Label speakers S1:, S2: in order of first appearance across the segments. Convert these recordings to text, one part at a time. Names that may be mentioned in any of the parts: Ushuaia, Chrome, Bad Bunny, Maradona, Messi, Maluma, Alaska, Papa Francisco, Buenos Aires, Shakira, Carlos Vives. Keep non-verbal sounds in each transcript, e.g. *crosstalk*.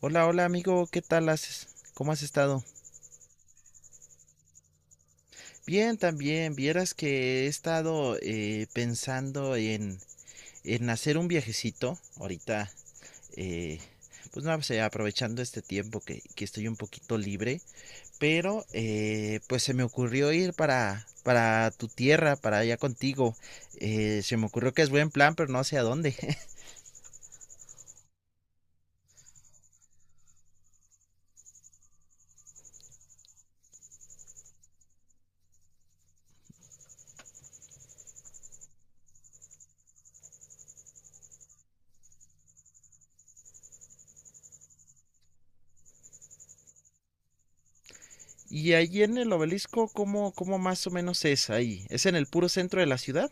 S1: Hola, hola amigo, ¿qué tal haces? ¿Cómo has estado? Bien, también, vieras que he estado pensando en, hacer un viajecito ahorita, eh, pues no sé, aprovechando este tiempo que estoy un poquito libre, pero pues se me ocurrió ir para tu tierra, para allá contigo. Se me ocurrió que es buen plan, pero no sé a dónde. *laughs* Y allí en el obelisco, ¿Cómo más o menos es ahí? ¿Es en el puro centro de la ciudad?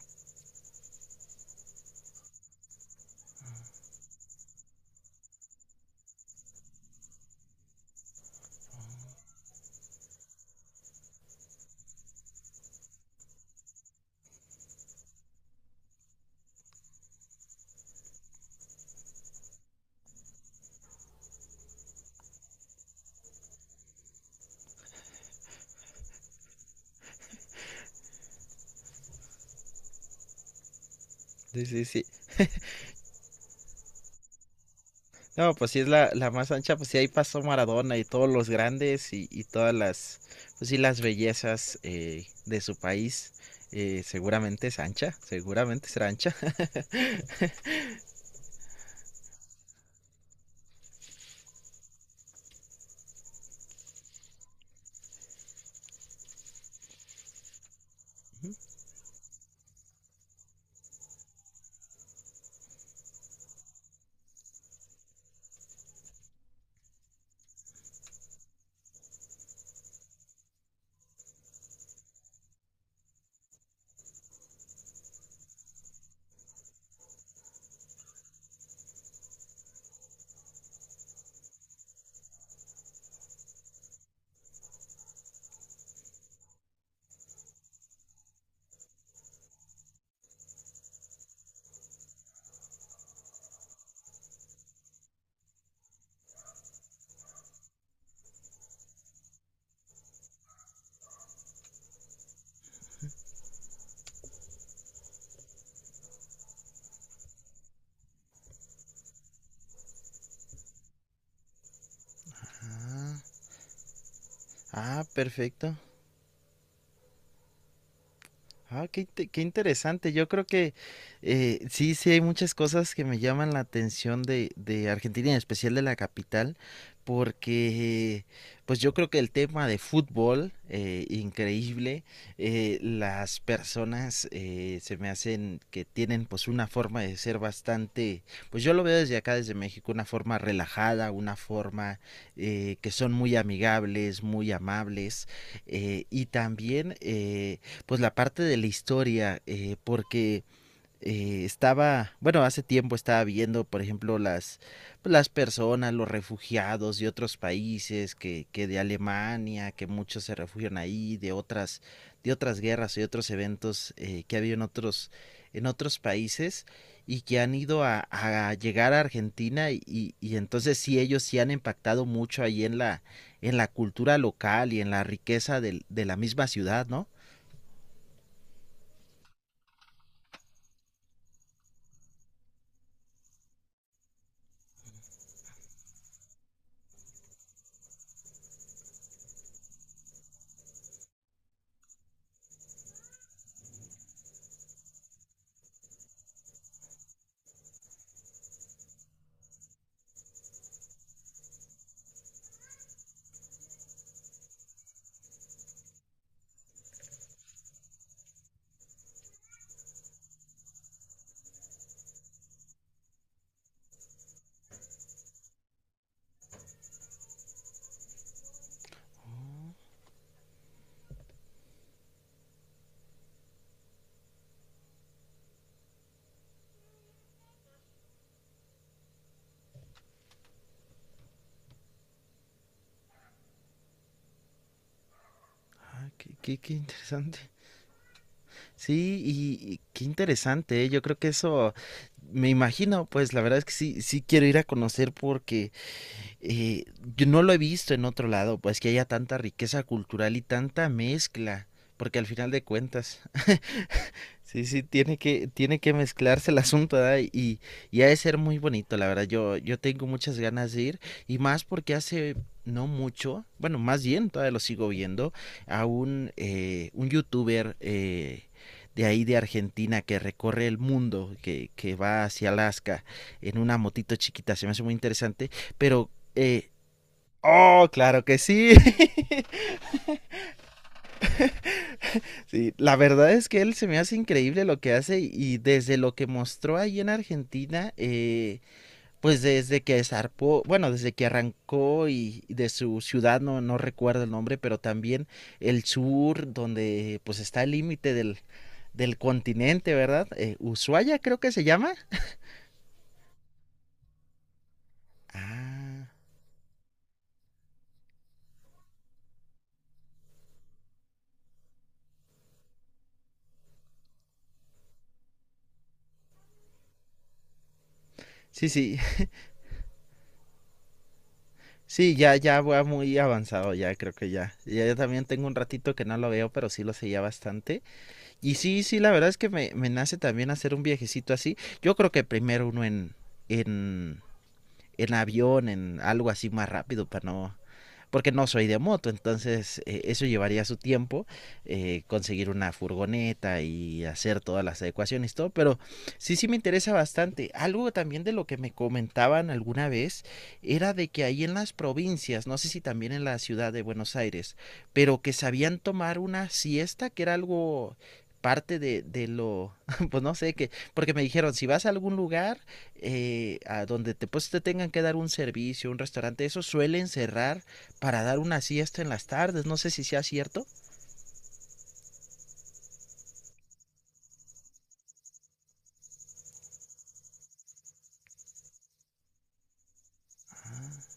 S1: Sí, sí, sí. No, pues sí es la más ancha, pues sí ahí pasó Maradona y todos los grandes y todas las, pues sí las bellezas de su país. Seguramente es ancha, seguramente será ancha. *laughs* Ah, ah, perfecto. Ah, qué interesante. Yo creo que sí, sí hay muchas cosas que me llaman la atención de Argentina, y en especial de la capital, porque pues yo creo que el tema de fútbol, increíble. Las personas, se me hacen que tienen pues una forma de ser bastante, pues yo lo veo desde acá, desde México, una forma relajada, una forma que son muy amigables, muy amables, y también pues la parte de la historia, porque estaba, bueno, hace tiempo estaba viendo, por ejemplo, las, pues, las personas, los refugiados de otros países, que de Alemania, que muchos se refugian ahí, de otras guerras y otros eventos que ha habido en otros países y que han ido a llegar a Argentina y entonces sí ellos sí han impactado mucho ahí en la cultura local y en la riqueza de la misma ciudad, ¿no? Ah, qué interesante. Sí, y qué interesante, ¿eh? Yo creo que eso, me imagino, pues la verdad es que sí, sí quiero ir a conocer porque eh, yo no lo he visto en otro lado, pues que haya tanta riqueza cultural y tanta mezcla, porque al final de cuentas. Sí, sí, tiene que mezclarse el asunto, ¿verdad? Y ha de ser muy bonito, la verdad. Yo tengo muchas ganas de ir, y más porque hace no mucho, bueno, más bien todavía lo sigo viendo, a un youtuber de ahí de Argentina que recorre el mundo, que, va hacia Alaska en una motito chiquita. Se me hace muy interesante, pero. Oh, claro que sí. *laughs* Sí, la verdad es que él se me hace increíble lo que hace y desde lo que mostró ahí en Argentina, pues desde que zarpó, bueno, desde que arrancó y de su ciudad, no, no recuerdo el nombre, pero también el sur, donde pues está el límite del continente, ¿verdad? Ushuaia creo que se llama. Ah, sí, sí, *laughs* sí, ya, ya va muy avanzado, ya creo que ya. Ya yo también tengo un ratito que no lo veo, pero sí lo seguía bastante. Y sí, sí, la verdad es que me nace también hacer un viajecito así. Yo creo que primero uno en, en avión, en algo así más rápido para no, porque no soy de moto, entonces eso llevaría su tiempo, conseguir una furgoneta y hacer todas las adecuaciones, todo, pero sí, sí me interesa bastante. Algo también de lo que me comentaban alguna vez era de que ahí en las provincias, no sé si también en la ciudad de Buenos Aires, pero que sabían tomar una siesta, que era algo parte de, lo, *laughs* pues no sé, porque me dijeron, si vas a algún lugar a donde pues, te tengan que dar un servicio, un restaurante, eso suelen cerrar para dar una siesta en las tardes. No sé si sea cierto. Ah.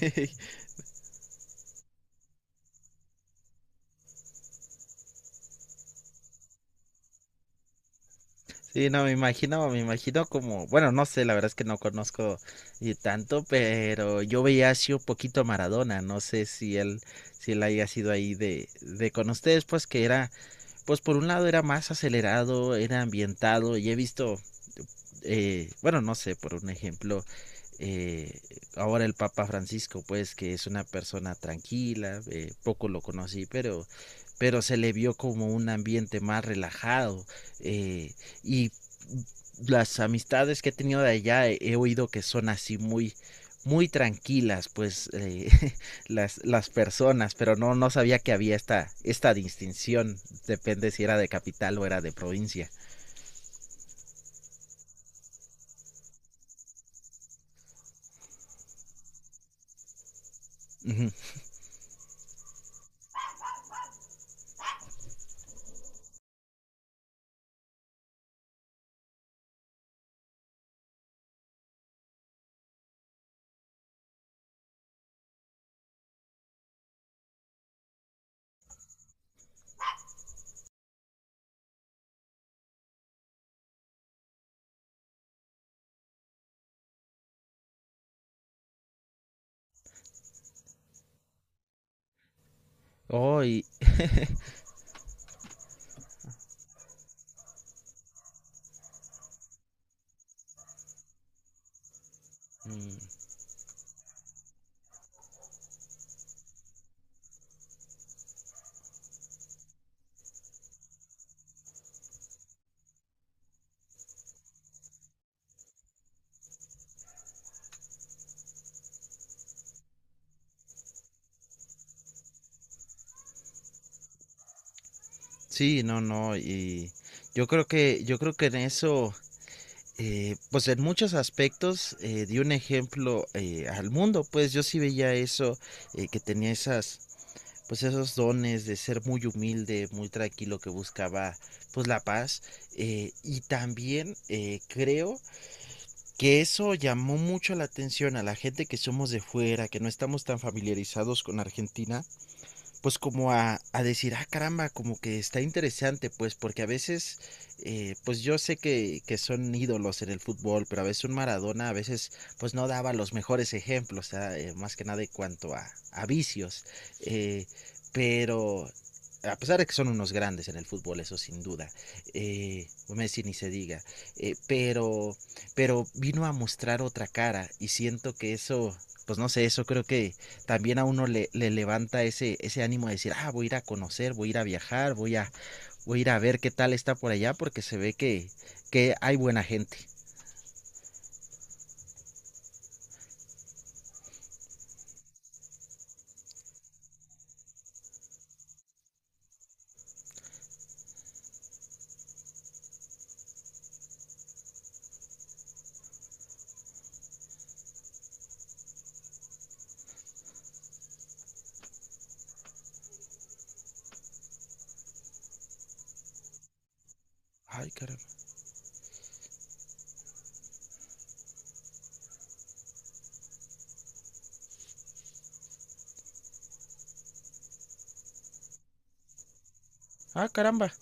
S1: *laughs* Sí, no, me imagino como, bueno, no sé, la verdad es que no conozco tanto, pero yo veía así un poquito a Maradona, no sé si él haya sido ahí de con ustedes, pues que era, pues por un lado era más acelerado, era ambientado, y he visto bueno, no sé, por un ejemplo, eh, ahora el Papa Francisco, pues que es una persona tranquila, poco lo conocí, pero se le vio como un ambiente más relajado eh, y las amistades que he tenido de allá he oído que son así muy muy tranquilas pues *laughs* las personas pero no sabía que había esta distinción depende si era de capital o era de provincia. Uh -huh. Oh. Mm. Sí, no, no, y yo creo que en eso, pues en muchos aspectos di un ejemplo al mundo, pues yo sí veía eso, que tenía esas, pues esos dones de ser muy humilde, muy tranquilo, que buscaba pues la paz, y también creo que eso llamó mucho la atención a la gente que somos de fuera, que no estamos tan familiarizados con Argentina, pues como a decir, ah, caramba, como que está interesante, pues porque a veces, pues yo sé que son ídolos en el fútbol, pero a veces un Maradona a veces pues no daba los mejores ejemplos, ah, más que nada en cuanto a vicios, eh, pero a pesar de que son unos grandes en el fútbol, eso sin duda, Messi ni se diga, eh, pero, pero vino a mostrar otra cara y siento que eso, pues no sé, eso creo que, también a uno le, levanta ese ánimo de decir, ah, voy a ir a conocer, voy a ir a viajar, voy a ir a ver qué tal está por allá, porque se ve que hay buena gente. Ay, caramba. Ah, caramba.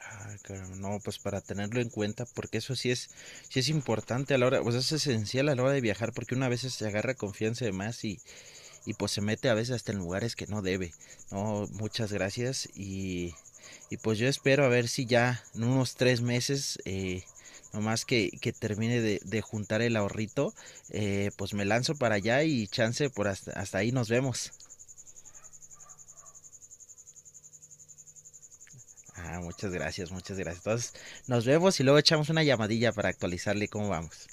S1: Ay, caramba. No, pues para tenerlo en cuenta, porque eso sí es importante a la hora, pues es esencial a la hora de viajar, porque una vez se agarra confianza de más y pues se mete a veces hasta en lugares que no debe. No, muchas gracias y pues yo espero a ver si ya en unos 3 meses, nomás que termine de juntar el ahorrito, pues me lanzo para allá y chance por hasta ahí nos vemos. Ah, muchas gracias, muchas gracias. Entonces nos vemos y luego echamos una llamadilla para actualizarle cómo vamos.